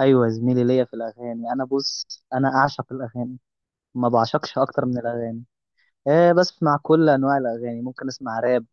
ايوه، زميلي، ليا في الاغاني. انا بص انا اعشق الاغاني، ما بعشقش اكتر من الاغاني. بسمع كل انواع الاغاني، ممكن اسمع راب،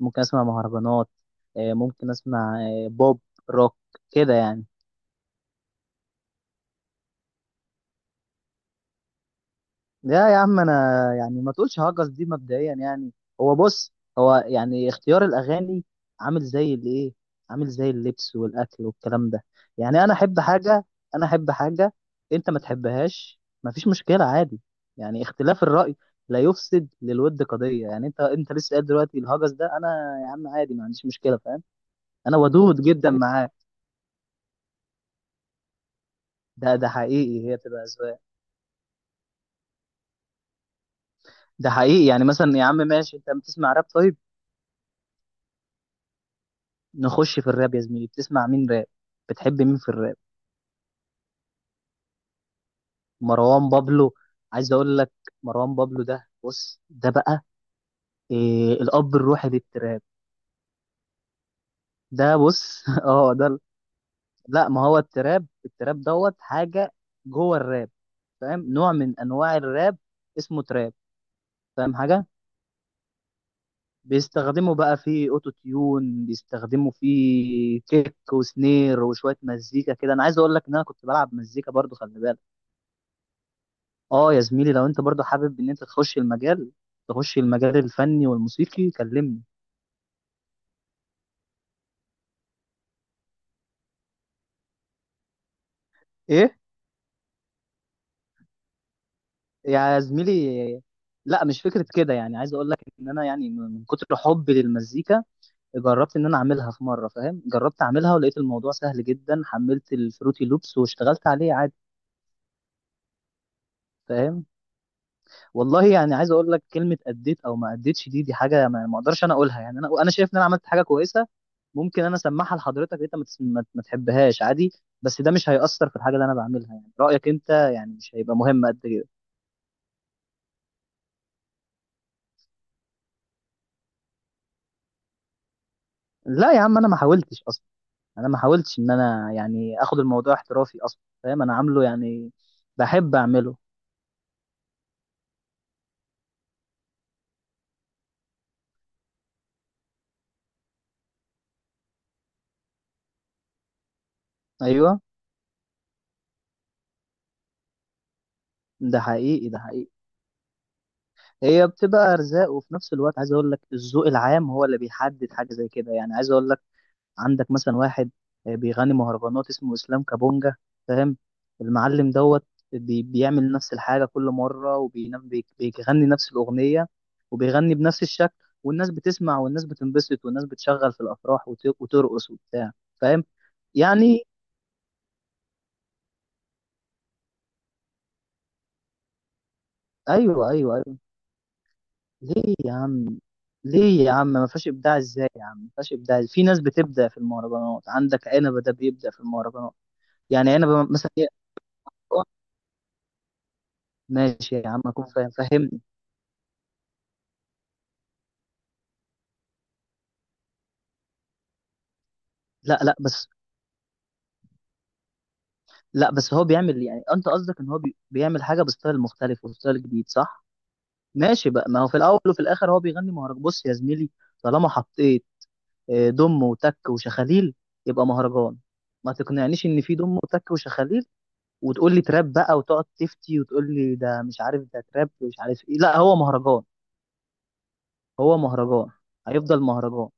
ممكن اسمع مهرجانات، ممكن اسمع بوب، روك، كده يعني. لا يا عم، انا يعني ما تقولش هجس دي مبدئيا يعني. هو بص، هو يعني اختيار الاغاني، عامل زي الايه عامل زي اللبس والاكل والكلام ده. يعني انا احب حاجه، انت ما تحبهاش ما فيش مشكله، عادي. يعني اختلاف الراي لا يفسد للود قضيه. يعني انت لسه قايل دلوقتي الهجس ده، انا يا عم عادي ما عنديش مشكله، فاهم؟ انا ودود جدا معاه. ده حقيقي، هي تبقى اذواق. ده حقيقي. يعني مثلا يا عم ماشي، انت بتسمع راب طيب؟ نخش في الراب يا زميلي، بتسمع مين راب؟ بتحب مين في الراب؟ مروان بابلو، عايز اقول لك، مروان بابلو ده بص، ده بقى إيه؟ الاب الروحي للتراب. ده بص لا، ما هو التراب دوت حاجه جوه الراب، فاهم؟ نوع من انواع الراب اسمه تراب. فاهم حاجه؟ بيستخدموا بقى في اوتو تيون، بيستخدموا في كيك وسنير وشويه مزيكا كده. انا عايز اقول لك ان انا كنت بلعب مزيكا برضو، خلي بالك. اه يا زميلي، لو انت برضو حابب ان انت تخش المجال، تخش المجال الفني والموسيقي، كلمني. ايه يا زميلي؟ لا مش فكرة كده. يعني عايز اقول لك ان انا يعني من كتر حبي للمزيكا جربت ان انا اعملها في مرة، فاهم؟ جربت اعملها ولقيت الموضوع سهل جدا، حملت الفروتي لوبس واشتغلت عليه عادي، فاهم؟ والله يعني عايز اقول لك كلمه، اديت او ما اديتش، دي حاجه ما اقدرش انا اقولها. يعني انا شايف ان انا عملت حاجه كويسه، ممكن انا اسمعها لحضرتك، انت ما تس- ما- ما تحبهاش عادي، بس ده مش هيأثر في الحاجه اللي انا بعملها. يعني رايك انت يعني مش هيبقى مهم قد كده. لا يا عم، انا ما حاولتش اصلا، انا ما حاولتش ان انا يعني اخد الموضوع احترافي اصلا، فاهم؟ انا عامله يعني بحب اعمله. ايوه، ده حقيقي، ده حقيقي. هي بتبقى ارزاق، وفي نفس الوقت عايز اقول لك الذوق العام هو اللي بيحدد حاجه زي كده. يعني عايز اقول لك، عندك مثلا واحد، بيغني مهرجانات اسمه اسلام كابونجا، فاهم؟ المعلم دوت. بيعمل نفس الحاجه كل مره، وبيغني نفس الاغنيه، وبيغني بنفس الشكل، والناس بتسمع، والناس بتنبسط، والناس بتشغل في الافراح وترقص وبتاع، فاهم يعني؟ ايوه، ايوه، ايوه. ليه يا عم؟ ليه يا عم ما فيهاش ابداع؟ ازاي يا عم ما فيهاش ابداع؟ في ناس بتبدا في المهرجانات، عندك عنبه ده بيبدا في المهرجانات. يعني عنبه مثلا إيه؟ ماشي يا عم، اكون فاهم، فاهم. لا لا بس لا بس هو بيعمل، يعني انت قصدك ان هو بيعمل حاجه بستايل مختلف وستايل جديد، صح؟ ماشي بقى. ما هو في الاول وفي الاخر هو بيغني مهرجان. بص يا زميلي، طالما حطيت دم وتك وشخاليل، يبقى مهرجان. ما تقنعنيش ان في دم وتك وشخاليل وتقول لي تراب بقى وتقعد تفتي وتقول لي ده مش عارف ده تراب ومش عارف ايه، لا هو مهرجان، هو مهرجان، هيفضل مهرجان.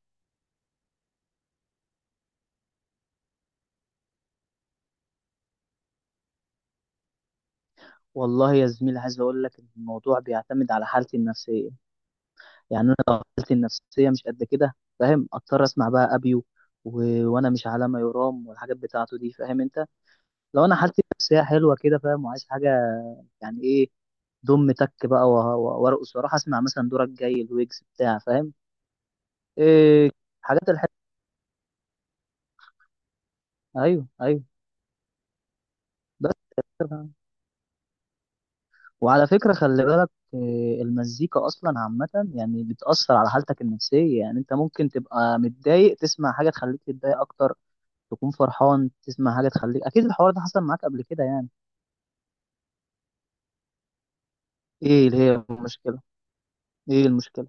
والله يا زميلي، عايز اقول لك ان الموضوع بيعتمد على حالتي النفسيه. يعني انا لو حالتي النفسيه مش قد كده، فاهم، اضطر اسمع بقى ابيو و... وانا مش على ما يرام، والحاجات بتاعته دي، فاهم انت؟ لو انا حالتي النفسيه حلوه كده، فاهم، وعايز حاجه، يعني ايه، دم تك بقى وارقص واروح اسمع مثلا دورك جاي الويجز بتاع، فاهم؟ إيه، حاجات الحلوه، ايوه ايوه. بس وعلى فكره خلي بالك إيه، المزيكا اصلا عامه يعني بتاثر على حالتك النفسيه. يعني انت ممكن تبقى متضايق تسمع حاجه تخليك تتضايق اكتر، تكون فرحان تسمع حاجة تخليك، أكيد الحوار ده حصل معاك قبل كده يعني. إيه اللي هي المشكلة؟ إيه المشكلة؟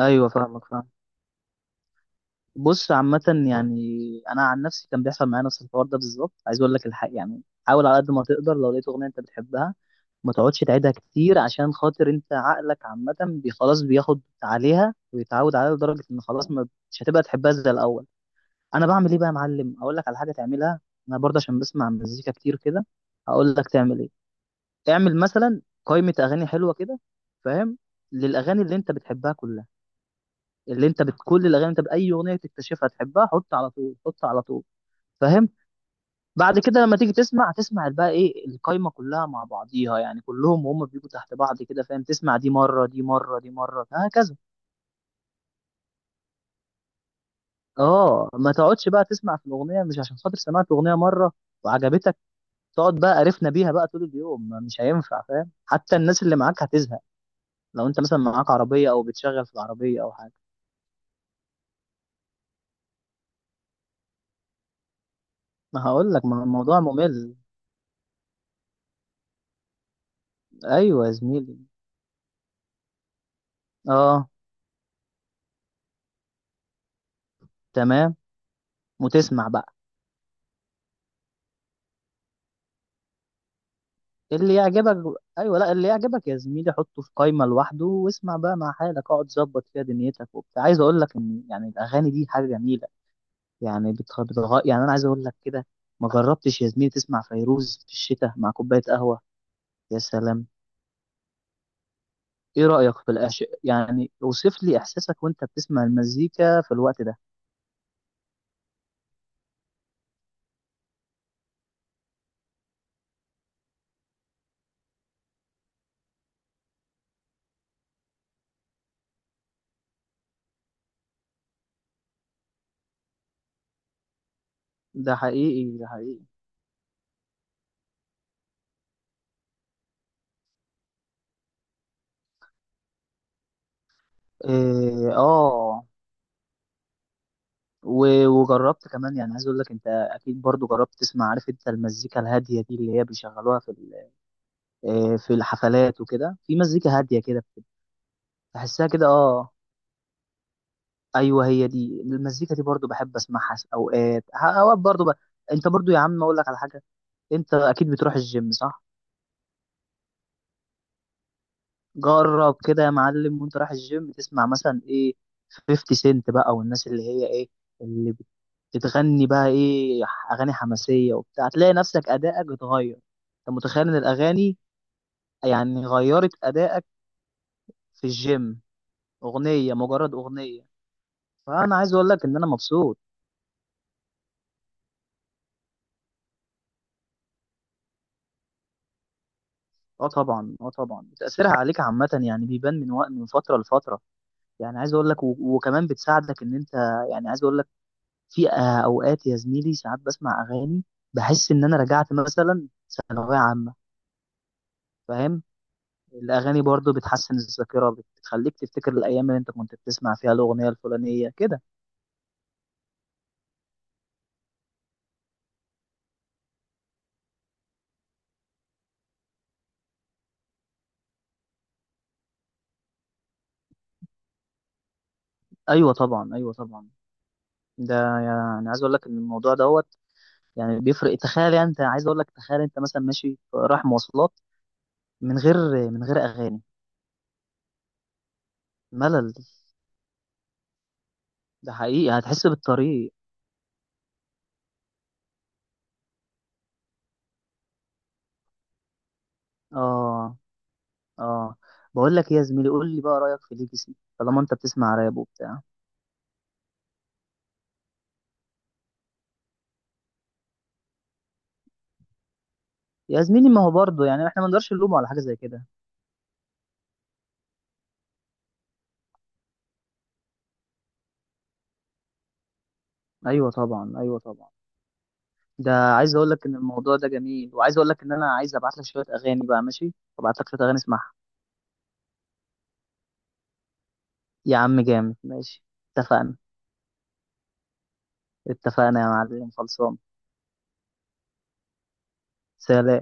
أيوه فاهمك، فاهم. بص، عامة يعني أنا عن نفسي كان بيحصل معايا نفس الحوار ده بالظبط، عايز أقول لك الحق يعني. حاول على قد ما تقدر لو لقيت أغنية أنت بتحبها ما تقعدش تعيدها كتير، عشان خاطر أنت عقلك عامة خلاص بياخد عليها ويتعود عليها لدرجة إن خلاص، ما مش هتبقى تحبها زي الأول. أنا بعمل إيه بقى يا معلم؟ أقول لك على حاجة تعملها. أنا برضه عشان بسمع مزيكا كتير كده، هقول لك تعمل إيه. اعمل مثلا قائمة أغاني حلوة كده، فاهم، للأغاني اللي أنت بتحبها كلها، اللي أنت كل الأغاني، أنت بأي أغنية تكتشفها تحبها حط على طول، حط على طول، فاهم؟ بعد كده لما تيجي تسمع، هتسمع بقى إيه؟ القائمة كلها مع بعضيها، يعني كلهم وهم بيجوا تحت بعض كده، فاهم؟ تسمع دي مرة، دي مرة، دي مرة، هكذا. أه ما تقعدش بقى تسمع في الأغنية مش عشان خاطر سمعت أغنية مرة وعجبتك تقعد بقى قرفنا بيها بقى طول اليوم، مش هينفع، فاهم؟ حتى الناس اللي معاك هتزهق. لو أنت مثلا معاك عربية أو بتشغل في العربية أو حاجة، ما هقول لك، ما هو الموضوع ممل. ايوه يا زميلي. اه. تمام. وتسمع بقى اللي يعجبك، ايوه، لا اللي يعجبك يا زميلي حطه في قائمه لوحده واسمع بقى مع حالك، اقعد ظبط فيها دنيتك وبتاع. عايز اقول لك ان يعني الاغاني دي حاجه جميله، يعني يعني انا عايز اقول لك كده. ما جربتش يا زميلي تسمع فيروز في الشتاء مع كوبايه قهوه؟ يا سلام. ايه رايك في يعني اوصف لي احساسك وانت بتسمع المزيكا في الوقت ده. ده حقيقي، ده حقيقي. إيه، اه. وجربت كمان، يعني عايز اقول لك، انت اكيد برضو جربت تسمع، عارف انت المزيكا الهاديه دي اللي هي بيشغلوها في ال-، في الحفلات وكده، في مزيكا هاديه كده تحسها كده، اه. ايوه، هي دي المزيكا دي برضو بحب اسمعها، اوقات برضو انت برضو يا عم، اقول لك على حاجه، انت اكيد بتروح الجيم، صح؟ جرب كده يا معلم وانت رايح الجيم، تسمع مثلا ايه، 50 سنت بقى، والناس اللي هي ايه، اللي بتغني بقى ايه، اغاني حماسيه وبتاع، هتلاقي نفسك ادائك اتغير. انت متخيل ان الاغاني يعني غيرت ادائك في الجيم، اغنيه مجرد اغنيه؟ فانا عايز اقول لك ان انا مبسوط. اه طبعا، اه طبعا، تاثيرها عليك عامه يعني بيبان من وقت، من فتره لفتره. يعني عايز اقول لك، و- وكمان بتساعدك ان انت، يعني عايز اقول لك، في اوقات يا زميلي ساعات بسمع اغاني بحس ان انا رجعت مثلا ثانويه عامه، فاهم؟ الاغاني برضو بتحسن الذاكره، بتخليك تفتكر الايام اللي انت كنت بتسمع فيها الاغنيه الفلانيه كده. ايوه طبعا، ايوه طبعا. ده يعني عايز اقول لك ان الموضوع دوت يعني بيفرق. تخيل، يعني انت عايز اقول لك تخيل انت مثلا ماشي رايح مواصلات من غير، من غير اغاني، ملل. ده حقيقي، هتحس بالطريق، اه، اه. بقول لك ايه يا زميلي، قول لي بقى رايك في ليجاسي طالما انت بتسمع راب وبتاع. يا زميلي، ما هو برضه يعني احنا ما نقدرش نلومه على حاجه زي كده. ايوه طبعا، ايوه طبعا. ده عايز اقول لك ان الموضوع ده جميل، وعايز اقول لك ان انا عايز ابعت لك شويه اغاني بقى، ماشي؟ ابعت لك شويه اغاني اسمعها. يا عم جامد، ماشي. اتفقنا، اتفقنا يا معلم، خلصان. سلام.